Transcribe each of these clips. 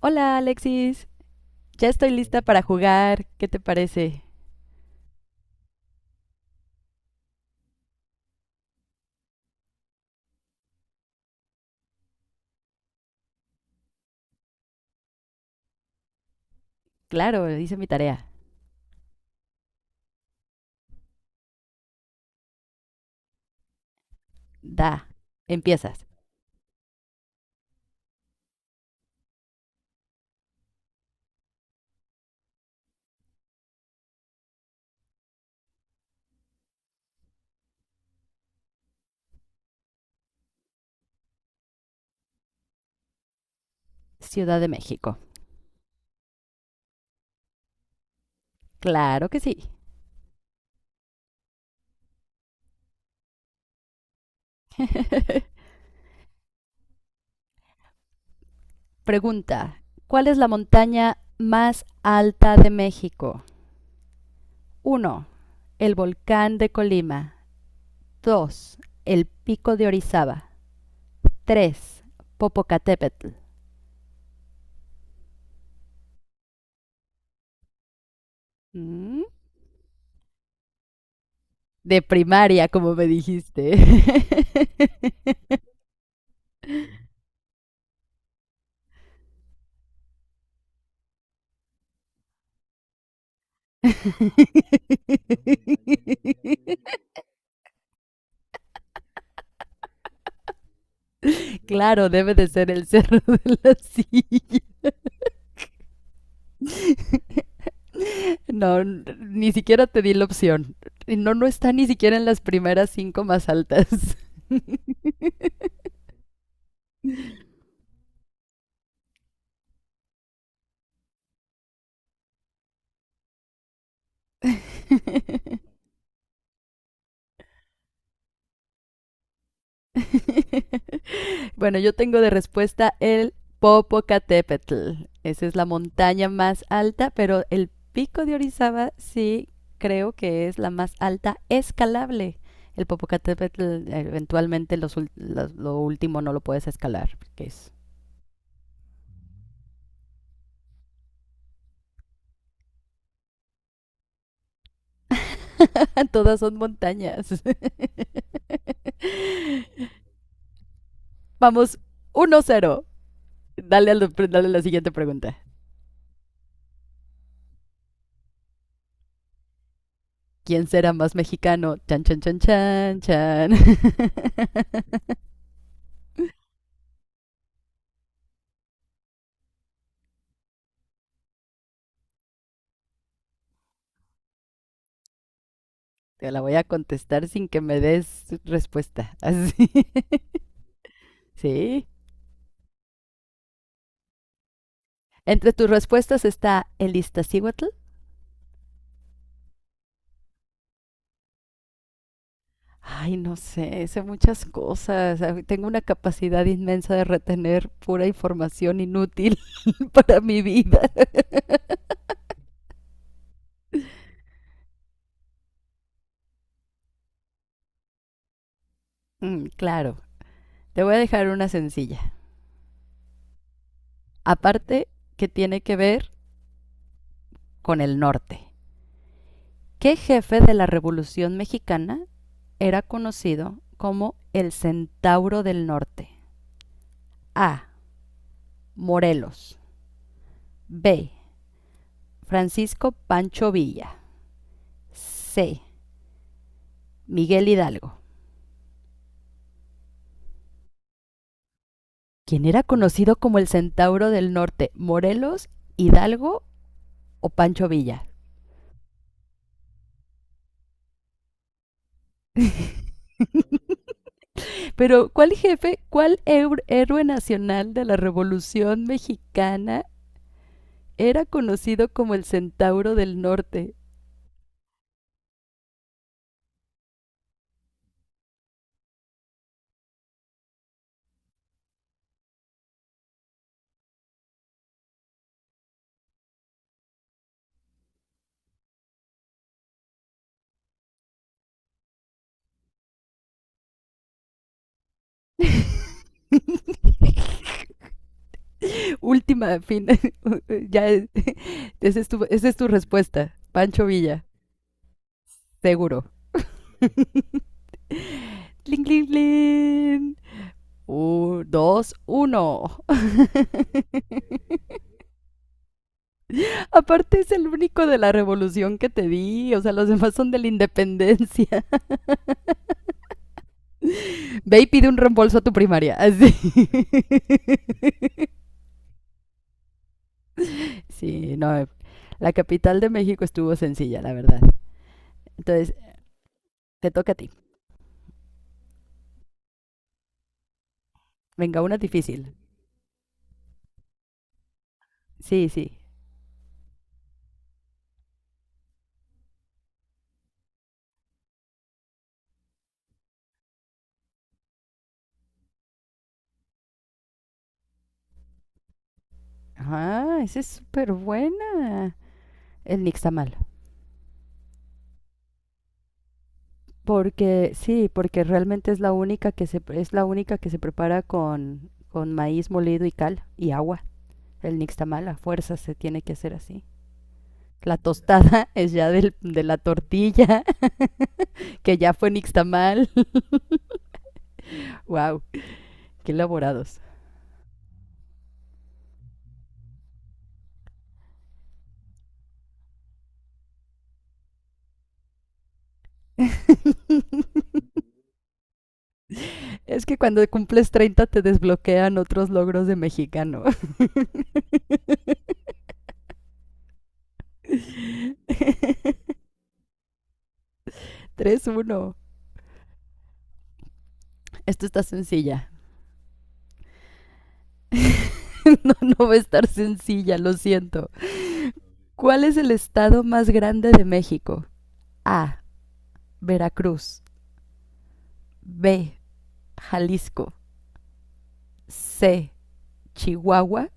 Hola Alexis, ya estoy lista para jugar. ¿Qué te parece? Claro, hice mi tarea. Da. Empiezas. Ciudad de México. Claro que sí. Pregunta. ¿Cuál es la montaña más alta de México? Uno, el volcán de Colima. 2, el pico de Orizaba. Tres, Popocatépetl. ¿Mm? De primaria, como me dijiste. Claro, debe de ser el cerro de la silla. No, ni siquiera te di la opción. Y no, no está ni siquiera en las primeras cinco más altas. Bueno, yo tengo de respuesta el Popocatépetl. Esa es la montaña más alta, pero el pico de Orizaba sí creo que es la más alta escalable. El Popocatépetl, eventualmente lo último no lo puedes escalar, porque es... Todas son montañas. Vamos, 1-0. Dale, dale a la siguiente pregunta. ¿Quién será más mexicano? Chan, chan, chan, chan, chan. Te la voy a contestar sin que me des respuesta. Así. ¿Sí? Entre tus respuestas está el Iztaccíhuatl. Ay, no sé, sé muchas cosas. Ah, tengo una capacidad inmensa de retener pura información inútil para mi vida. Mm, claro, te voy a dejar una sencilla, aparte que tiene que ver con el norte. ¿Qué jefe de la Revolución Mexicana era conocido como el Centauro del Norte? A. Morelos. B. Francisco Pancho Villa. C. Miguel Hidalgo. ¿Quién era conocido como el Centauro del Norte? ¿Morelos, Hidalgo o Pancho Villa? Pero, ¿cuál jefe, cuál héroe nacional de la Revolución Mexicana era conocido como el Centauro del Norte? Última, fin. Ya, esa es tu respuesta. Pancho Villa, seguro. Cling, cling, cling. 2-1. Aparte es el único de la revolución que te di. O sea, los demás son de la independencia. Ve y pide un reembolso a tu primaria. Así. Sí, no. La capital de México estuvo sencilla, la verdad. Entonces, te toca a ti. Venga, una difícil. Sí, sí. Ah, esa es súper buena. El nixtamal. Porque, sí, porque realmente es la única que se prepara con, maíz molido y cal y agua. El nixtamal a fuerza se tiene que hacer así. La tostada es ya de la tortilla, que ya fue nixtamal. Wow, qué elaborados. Es que cuando cumples 30 te desbloquean otros logros de mexicano. 3-1. Esto está sencilla. No, no va a estar sencilla, lo siento. ¿Cuál es el estado más grande de México? A. Veracruz. B. Jalisco. C. Chihuahua.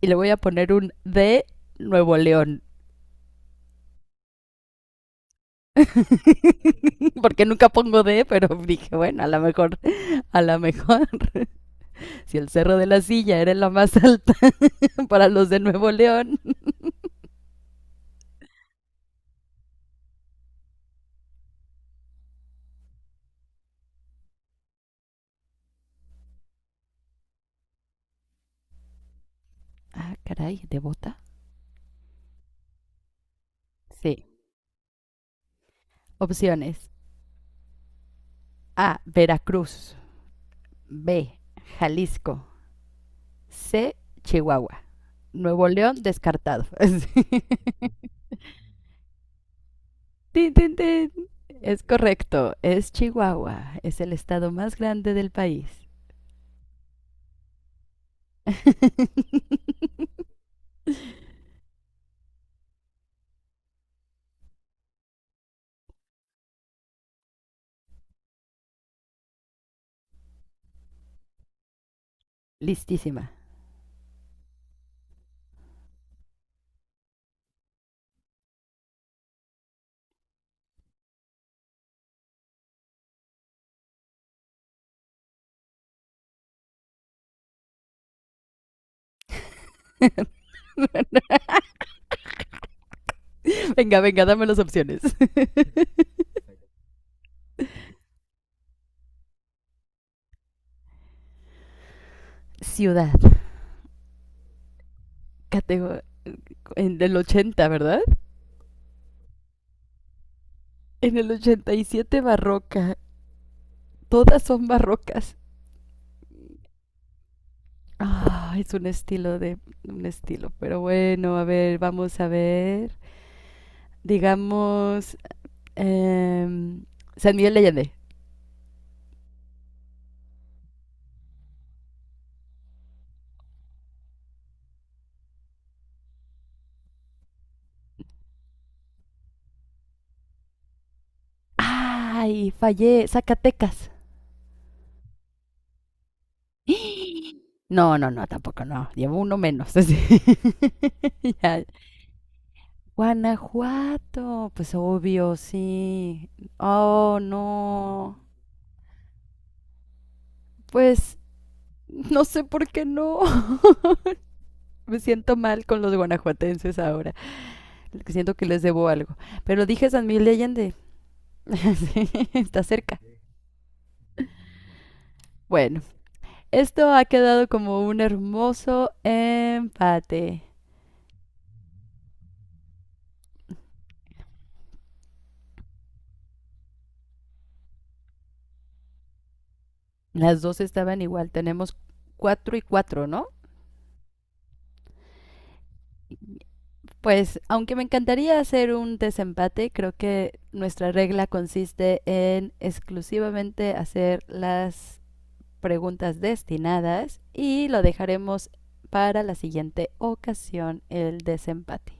Y le voy a poner un D. Nuevo León. Porque nunca pongo D, pero dije, bueno, a lo mejor, a lo mejor. Si el Cerro de la Silla era la más alta para los de Nuevo León. Ah, caray, ¿de bota? Sí. Opciones. A. Veracruz. B. Jalisco. C. Chihuahua. Nuevo León descartado. Tin, tin, tin. Es correcto, es Chihuahua. Es el estado más grande del país. Listísima. Venga, venga, dame las opciones. Ciudad. Categoría. En el 80, ¿verdad? En el 87, barroca. Todas son barrocas. Ah, oh, es un estilo de... Un estilo. Pero bueno, a ver, vamos a ver. Digamos... Em, San Miguel de Allende. Ay, fallé. Zacatecas. No, no, no, tampoco no. Llevo uno menos. Así. Ya. Guanajuato. Pues obvio, sí. Oh, no. Pues no sé por qué no. Me siento mal con los guanajuatenses ahora. Siento que les debo algo. Pero dije San Miguel de Allende. Sí, está cerca. Bueno, esto ha quedado como un hermoso empate. Las dos estaban igual, tenemos 4-4, ¿no? Pues aunque me encantaría hacer un desempate, creo que nuestra regla consiste en exclusivamente hacer las preguntas destinadas y lo dejaremos para la siguiente ocasión el desempate.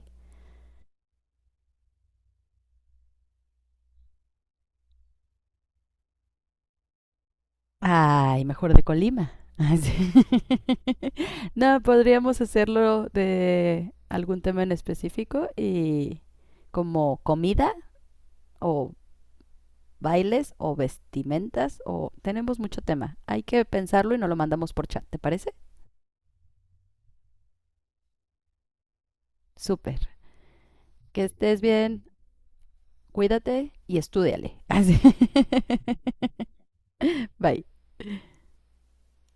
Ay, mejor de Colima. Ah, sí. No, podríamos hacerlo de algún tema en específico, y como comida o bailes o vestimentas, o tenemos mucho tema. Hay que pensarlo y nos lo mandamos por chat, ¿te parece? Súper. Que estés bien, cuídate y estudiale. Así. Bye.